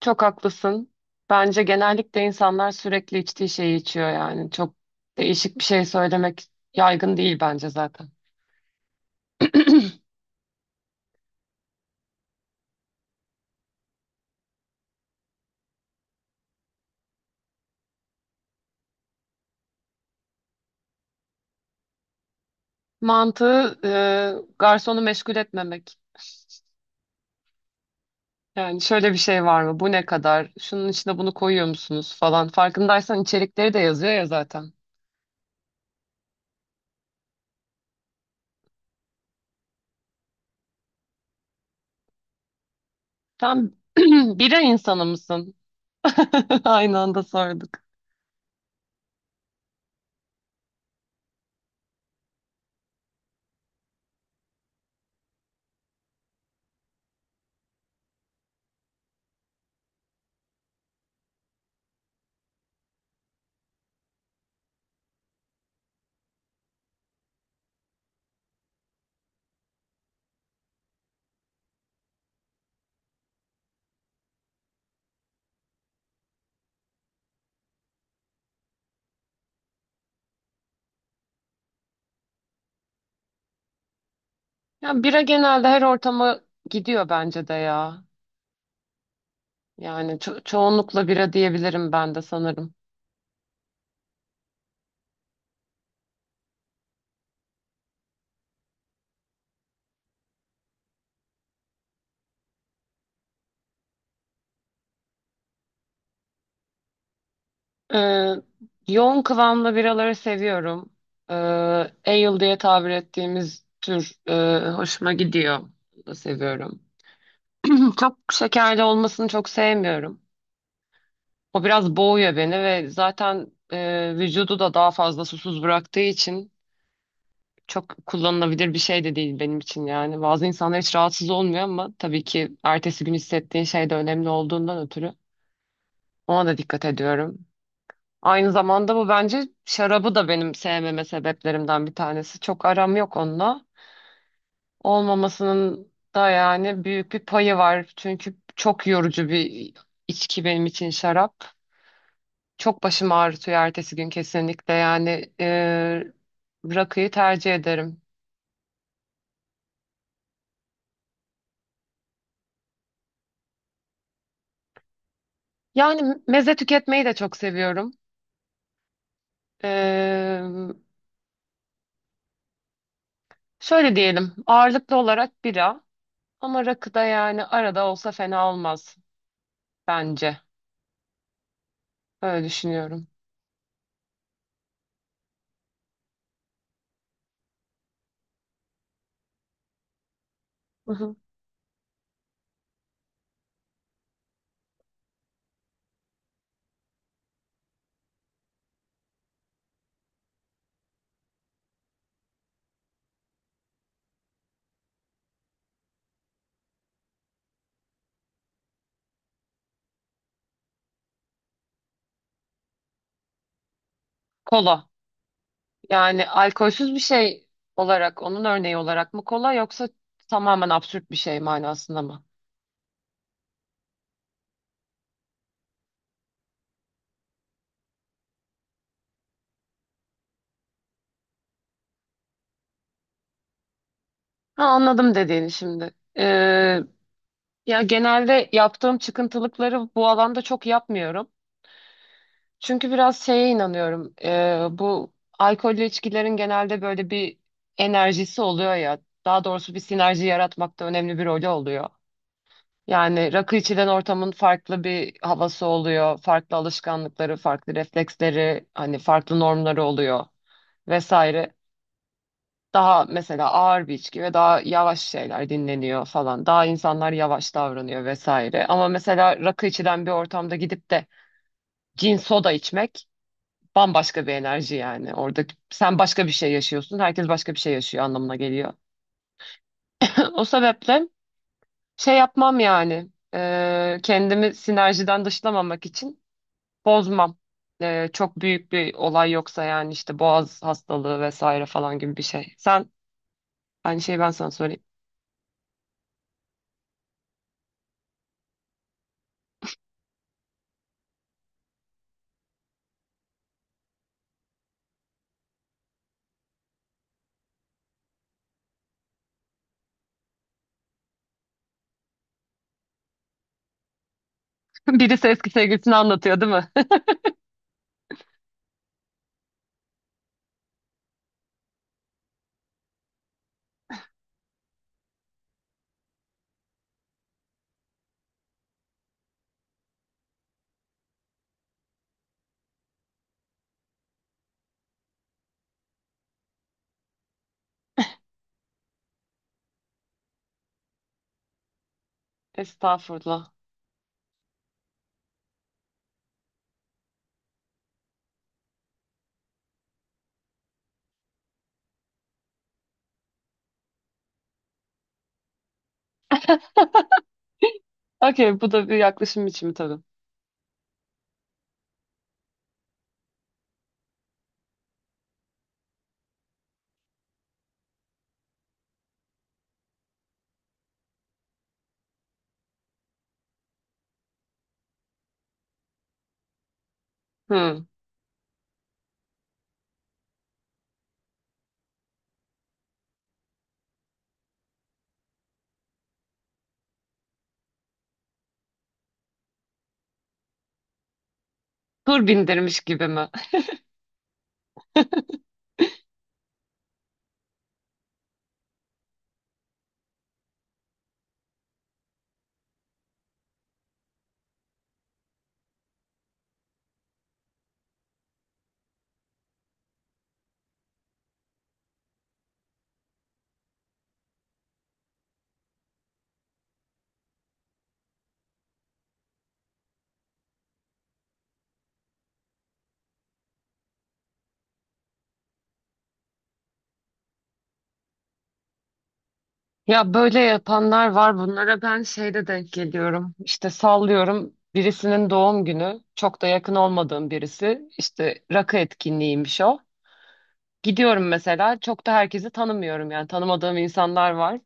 Çok haklısın. Bence genellikle insanlar sürekli içtiği şeyi içiyor yani. Çok değişik bir şey söylemek yaygın değil bence zaten. Mantığı garsonu meşgul etmemek. Yani şöyle bir şey var mı? Bu ne kadar? Şunun içine bunu koyuyor musunuz falan. Farkındaysan içerikleri de yazıyor ya zaten. Tam bira insanı mısın? Aynı anda sorduk. Yani bira genelde her ortama gidiyor bence de ya. Yani çoğunlukla bira diyebilirim ben de sanırım. Ee, Yoğun kıvamlı biraları seviyorum. Ee, Ale diye tabir ettiğimiz tür hoşuma gidiyor. Onu da seviyorum. Hı, çok şekerli olmasını çok sevmiyorum. O biraz boğuyor beni ve zaten vücudu da daha fazla susuz bıraktığı için çok kullanılabilir bir şey de değil benim için yani. Bazı insanlar hiç rahatsız olmuyor ama tabii ki ertesi gün hissettiğin şey de önemli olduğundan ötürü ona da dikkat ediyorum. Aynı zamanda bu bence şarabı da benim sevmeme sebeplerimden bir tanesi. Çok aram yok onunla. Olmamasının da yani büyük bir payı var. Çünkü çok yorucu bir içki benim için şarap. Çok başım ağrıtıyor ertesi gün kesinlikle. Yani rakıyı tercih ederim. Yani meze tüketmeyi de çok seviyorum. E, Şöyle diyelim, ağırlıklı olarak bira ama rakı da yani arada olsa fena olmaz bence. Öyle düşünüyorum. Kola. Yani alkolsüz bir şey olarak, onun örneği olarak mı kola, yoksa tamamen absürt bir şey manasında mı? Ha, anladım dediğini şimdi. Ya genelde yaptığım çıkıntılıkları bu alanda çok yapmıyorum. Çünkü biraz şeye inanıyorum. Bu alkollü içkilerin genelde böyle bir enerjisi oluyor ya. Daha doğrusu bir sinerji yaratmakta önemli bir rolü oluyor. Yani rakı içilen ortamın farklı bir havası oluyor, farklı alışkanlıkları, farklı refleksleri, hani farklı normları oluyor vesaire. Daha mesela ağır bir içki ve daha yavaş şeyler dinleniyor falan. Daha insanlar yavaş davranıyor vesaire. Ama mesela rakı içilen bir ortamda gidip de cin soda içmek bambaşka bir enerji yani. Orada sen başka bir şey yaşıyorsun, herkes başka bir şey yaşıyor anlamına geliyor. O sebeple şey yapmam yani. Kendimi sinerjiden dışlamamak için bozmam. Çok büyük bir olay yoksa yani, işte boğaz hastalığı vesaire falan gibi bir şey. Sen, aynı şeyi ben sana söyleyeyim. Birisi eski sevgilisini anlatıyor değil mi? Estağfurullah. Okey, bu da bir yaklaşım biçimi tabii. Hmm. Tur bindirmiş gibi mi? Ya böyle yapanlar var, bunlara ben şeyde denk geliyorum. İşte sallıyorum, birisinin doğum günü, çok da yakın olmadığım birisi. İşte rakı etkinliğiymiş o. Gidiyorum mesela, çok da herkesi tanımıyorum yani, tanımadığım insanlar var.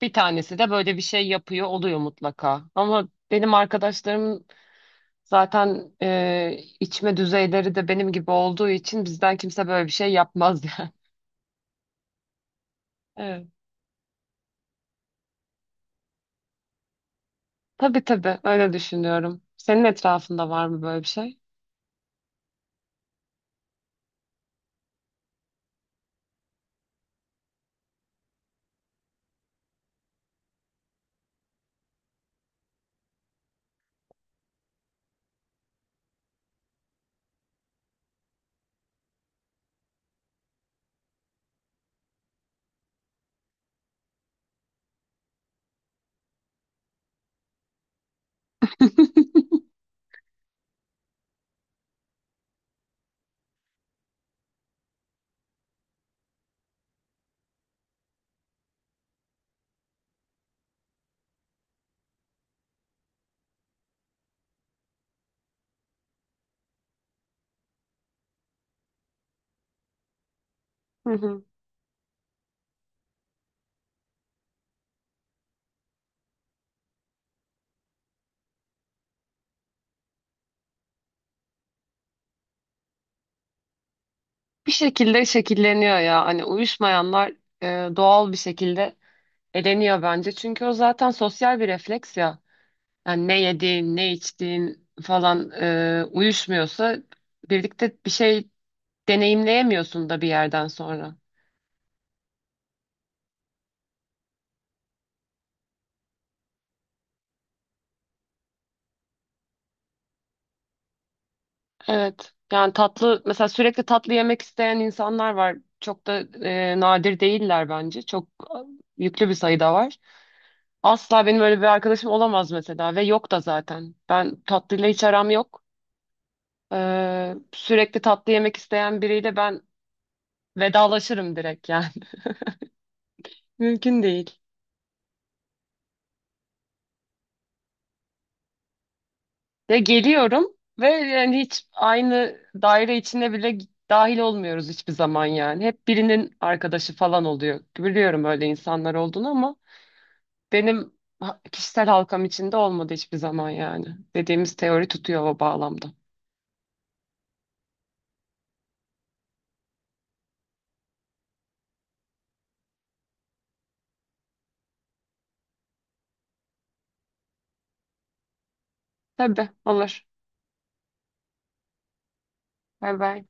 Bir tanesi de böyle bir şey yapıyor oluyor mutlaka. Ama benim arkadaşlarım zaten içme düzeyleri de benim gibi olduğu için bizden kimse böyle bir şey yapmaz yani. Evet. Tabii tabii, öyle düşünüyorum. Senin etrafında var mı böyle bir şey? Hı hı. Bir şekilde şekilleniyor ya, hani uyuşmayanlar doğal bir şekilde eleniyor bence. Çünkü o zaten sosyal bir refleks ya. Yani ne yediğin, ne içtiğin falan uyuşmuyorsa birlikte bir şey deneyimleyemiyorsun da bir yerden sonra. Evet. Yani tatlı mesela, sürekli tatlı yemek isteyen insanlar var. Çok da nadir değiller bence. Çok yüklü bir sayıda var. Asla benim öyle bir arkadaşım olamaz mesela ve yok da zaten. Ben tatlıyla hiç aram yok. Sürekli tatlı yemek isteyen biriyle ben vedalaşırım direkt yani. Mümkün değil. Ya geliyorum ve yani hiç aynı daire içine bile dahil olmuyoruz hiçbir zaman yani. Hep birinin arkadaşı falan oluyor. Biliyorum öyle insanlar olduğunu ama benim kişisel halkam içinde olmadı hiçbir zaman yani. Dediğimiz teori tutuyor o bağlamda. Tabii olur. Bay bay.